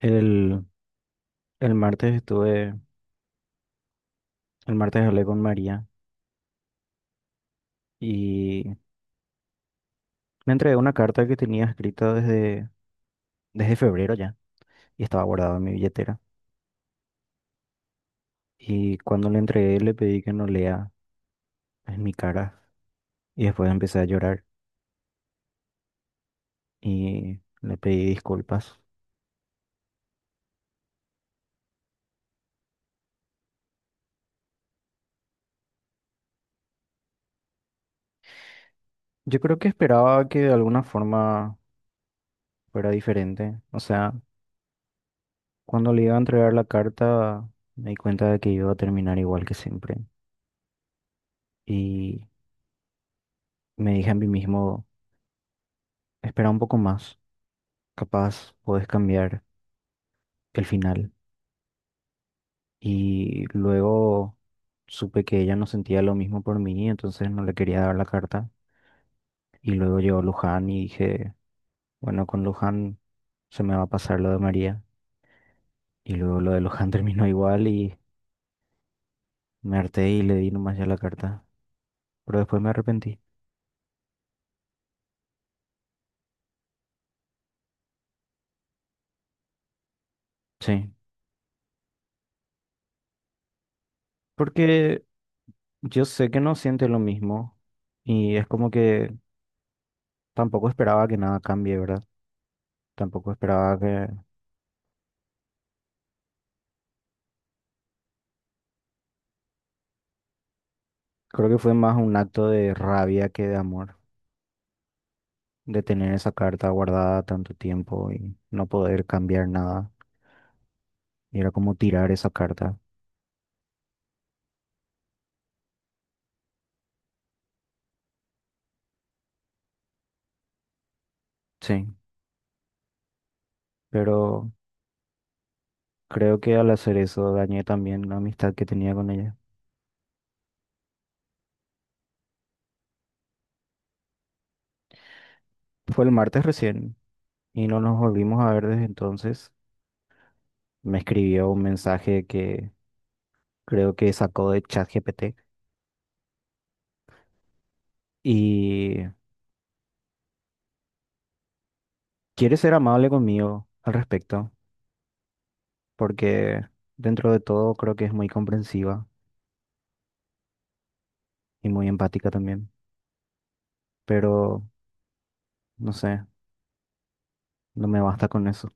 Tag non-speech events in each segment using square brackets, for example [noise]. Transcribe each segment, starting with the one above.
El, el martes estuve, el martes hablé con María y me entregó una carta que tenía escrita desde febrero ya y estaba guardada en mi billetera. Y cuando le entregué le pedí que no lea en mi cara y después empecé a llorar y le pedí disculpas. Yo creo que esperaba que de alguna forma fuera diferente. O sea, cuando le iba a entregar la carta me di cuenta de que iba a terminar igual que siempre y me dije a mí mismo, espera un poco más. Capaz podés cambiar el final. Y luego supe que ella no sentía lo mismo por mí, entonces no le quería dar la carta. Y luego llegó Luján y dije, bueno, con Luján se me va a pasar lo de María. Y luego lo de Luján [laughs] terminó igual y me harté y le di nomás ya la carta. Pero después me arrepentí. Sí. Porque yo sé que no siente lo mismo. Y es como que tampoco esperaba que nada cambie, ¿verdad? Tampoco esperaba que creo que fue más un acto de rabia que de amor, de tener esa carta guardada tanto tiempo y no poder cambiar nada. Y era como tirar esa carta. Sí, pero creo que al hacer eso dañé también la amistad que tenía con ella. Fue el martes recién y no nos volvimos a ver desde entonces. Me escribió un mensaje que creo que sacó de ChatGPT y quiere ser amable conmigo al respecto, porque dentro de todo creo que es muy comprensiva y muy empática también. Pero no sé, no me basta con eso.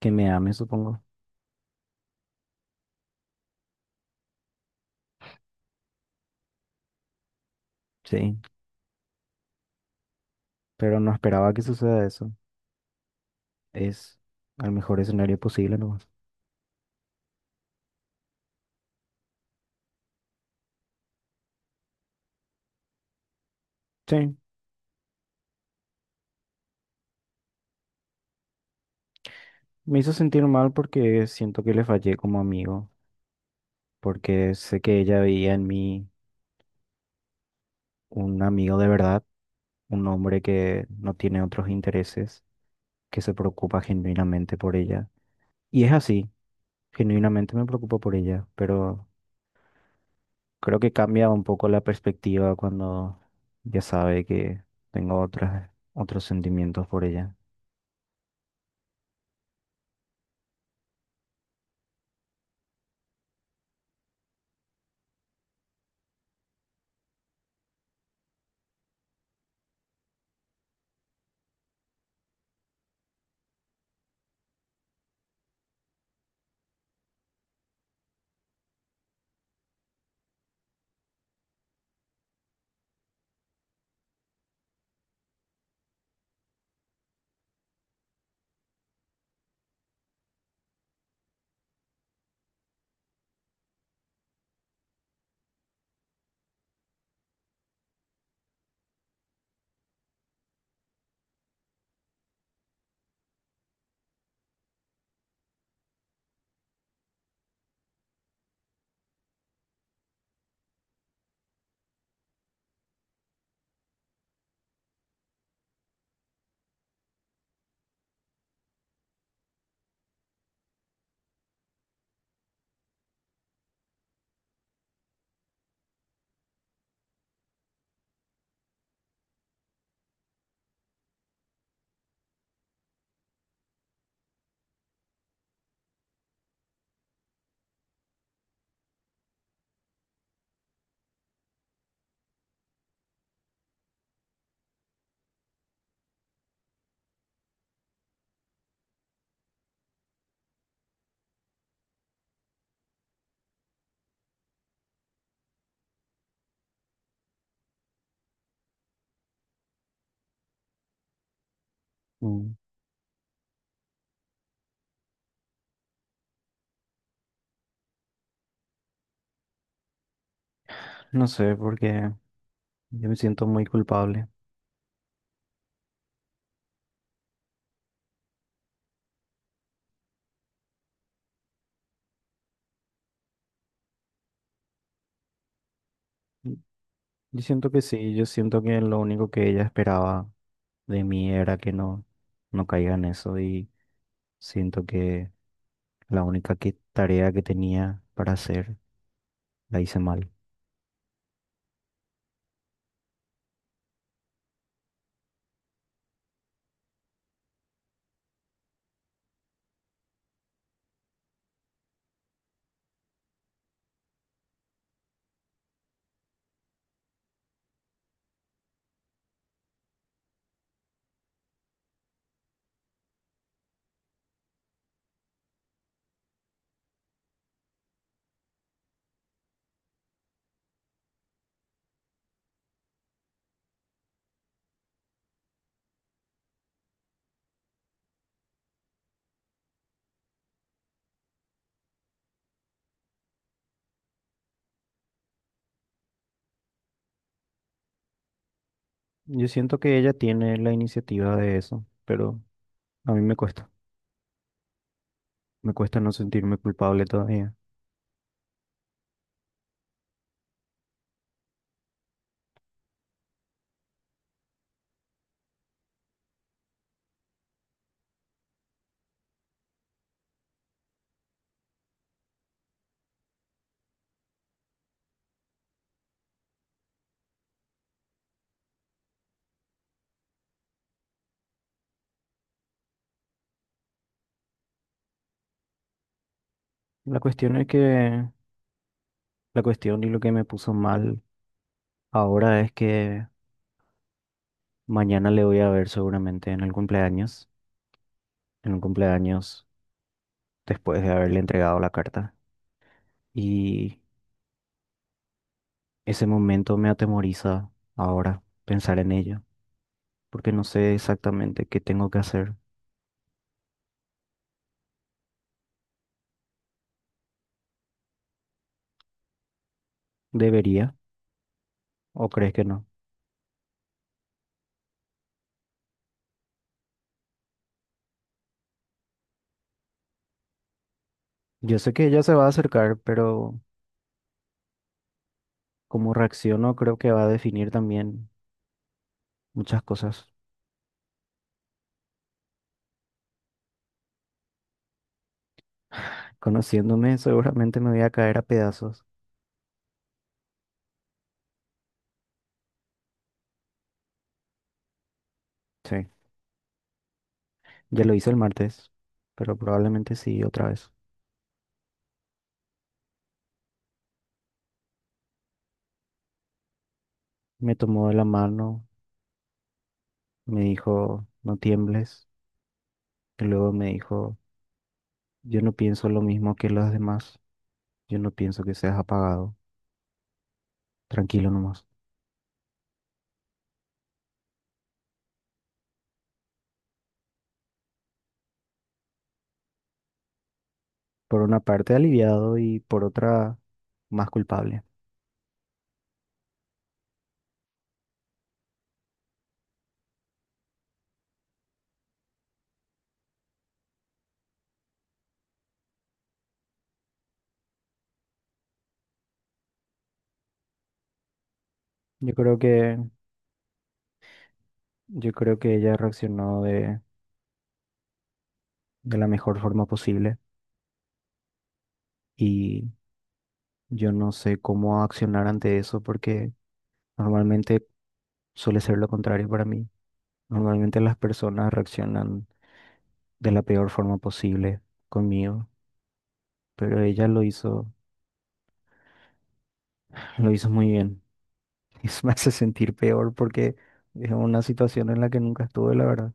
Que me ame, supongo. Sí, pero no esperaba que suceda eso. Es al mejor escenario posible nomás. Sí, me hizo sentir mal porque siento que le fallé como amigo, porque sé que ella veía en mí un amigo de verdad, un hombre que no tiene otros intereses, que se preocupa genuinamente por ella. Y es así, genuinamente me preocupo por ella, pero creo que cambia un poco la perspectiva cuando ya sabe que tengo otras, otros sentimientos por ella. Mm. No sé, porque yo me siento muy culpable. Y- Yo siento que sí, yo siento que lo único que ella esperaba de mí era que no caiga en eso y siento que la tarea que tenía para hacer la hice mal. Yo siento que ella tiene la iniciativa de eso, pero a mí me cuesta. Me cuesta no sentirme culpable todavía. La cuestión es que, la cuestión y lo que me puso mal ahora es que mañana le voy a ver seguramente en el cumpleaños, en un cumpleaños después de haberle entregado la carta. Y ese momento me atemoriza ahora pensar en ello, porque no sé exactamente qué tengo que hacer. ¿Debería o crees que no? Yo sé que ella se va a acercar, pero cómo reacciono creo que va a definir también muchas cosas. Conociéndome, seguramente me voy a caer a pedazos. Sí. Ya lo hice el martes, pero probablemente sí otra vez. Me tomó de la mano, me dijo, no tiembles, y luego me dijo, yo no pienso lo mismo que los demás, yo no pienso que seas apagado, tranquilo nomás. Por una parte aliviado y por otra más culpable. Yo creo que, yo creo que ella reaccionó de la mejor forma posible y yo no sé cómo accionar ante eso porque normalmente suele ser lo contrario para mí. Normalmente las personas reaccionan de la peor forma posible conmigo, pero ella lo hizo, [laughs] lo hizo muy bien. [laughs] Eso me hace sentir peor porque es una situación en la que nunca estuve, la verdad.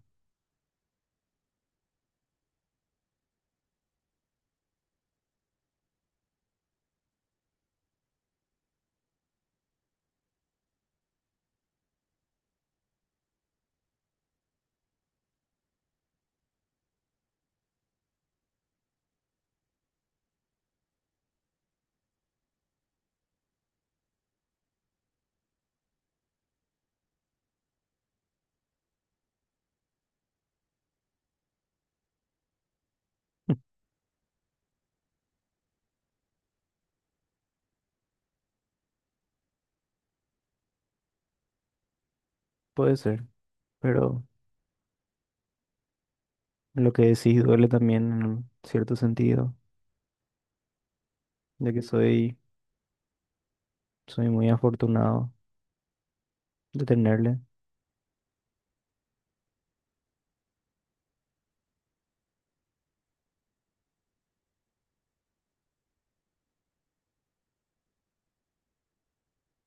[laughs] Puede ser, pero lo que decís duele también en cierto sentido, de que soy, soy muy afortunado de tenerle.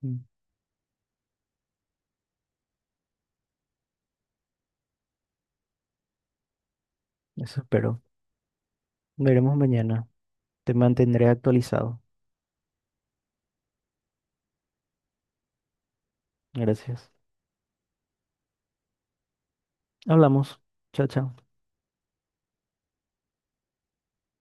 Mm. Eso espero. Veremos mañana. Te mantendré actualizado. Gracias. Hablamos. Chao, chao.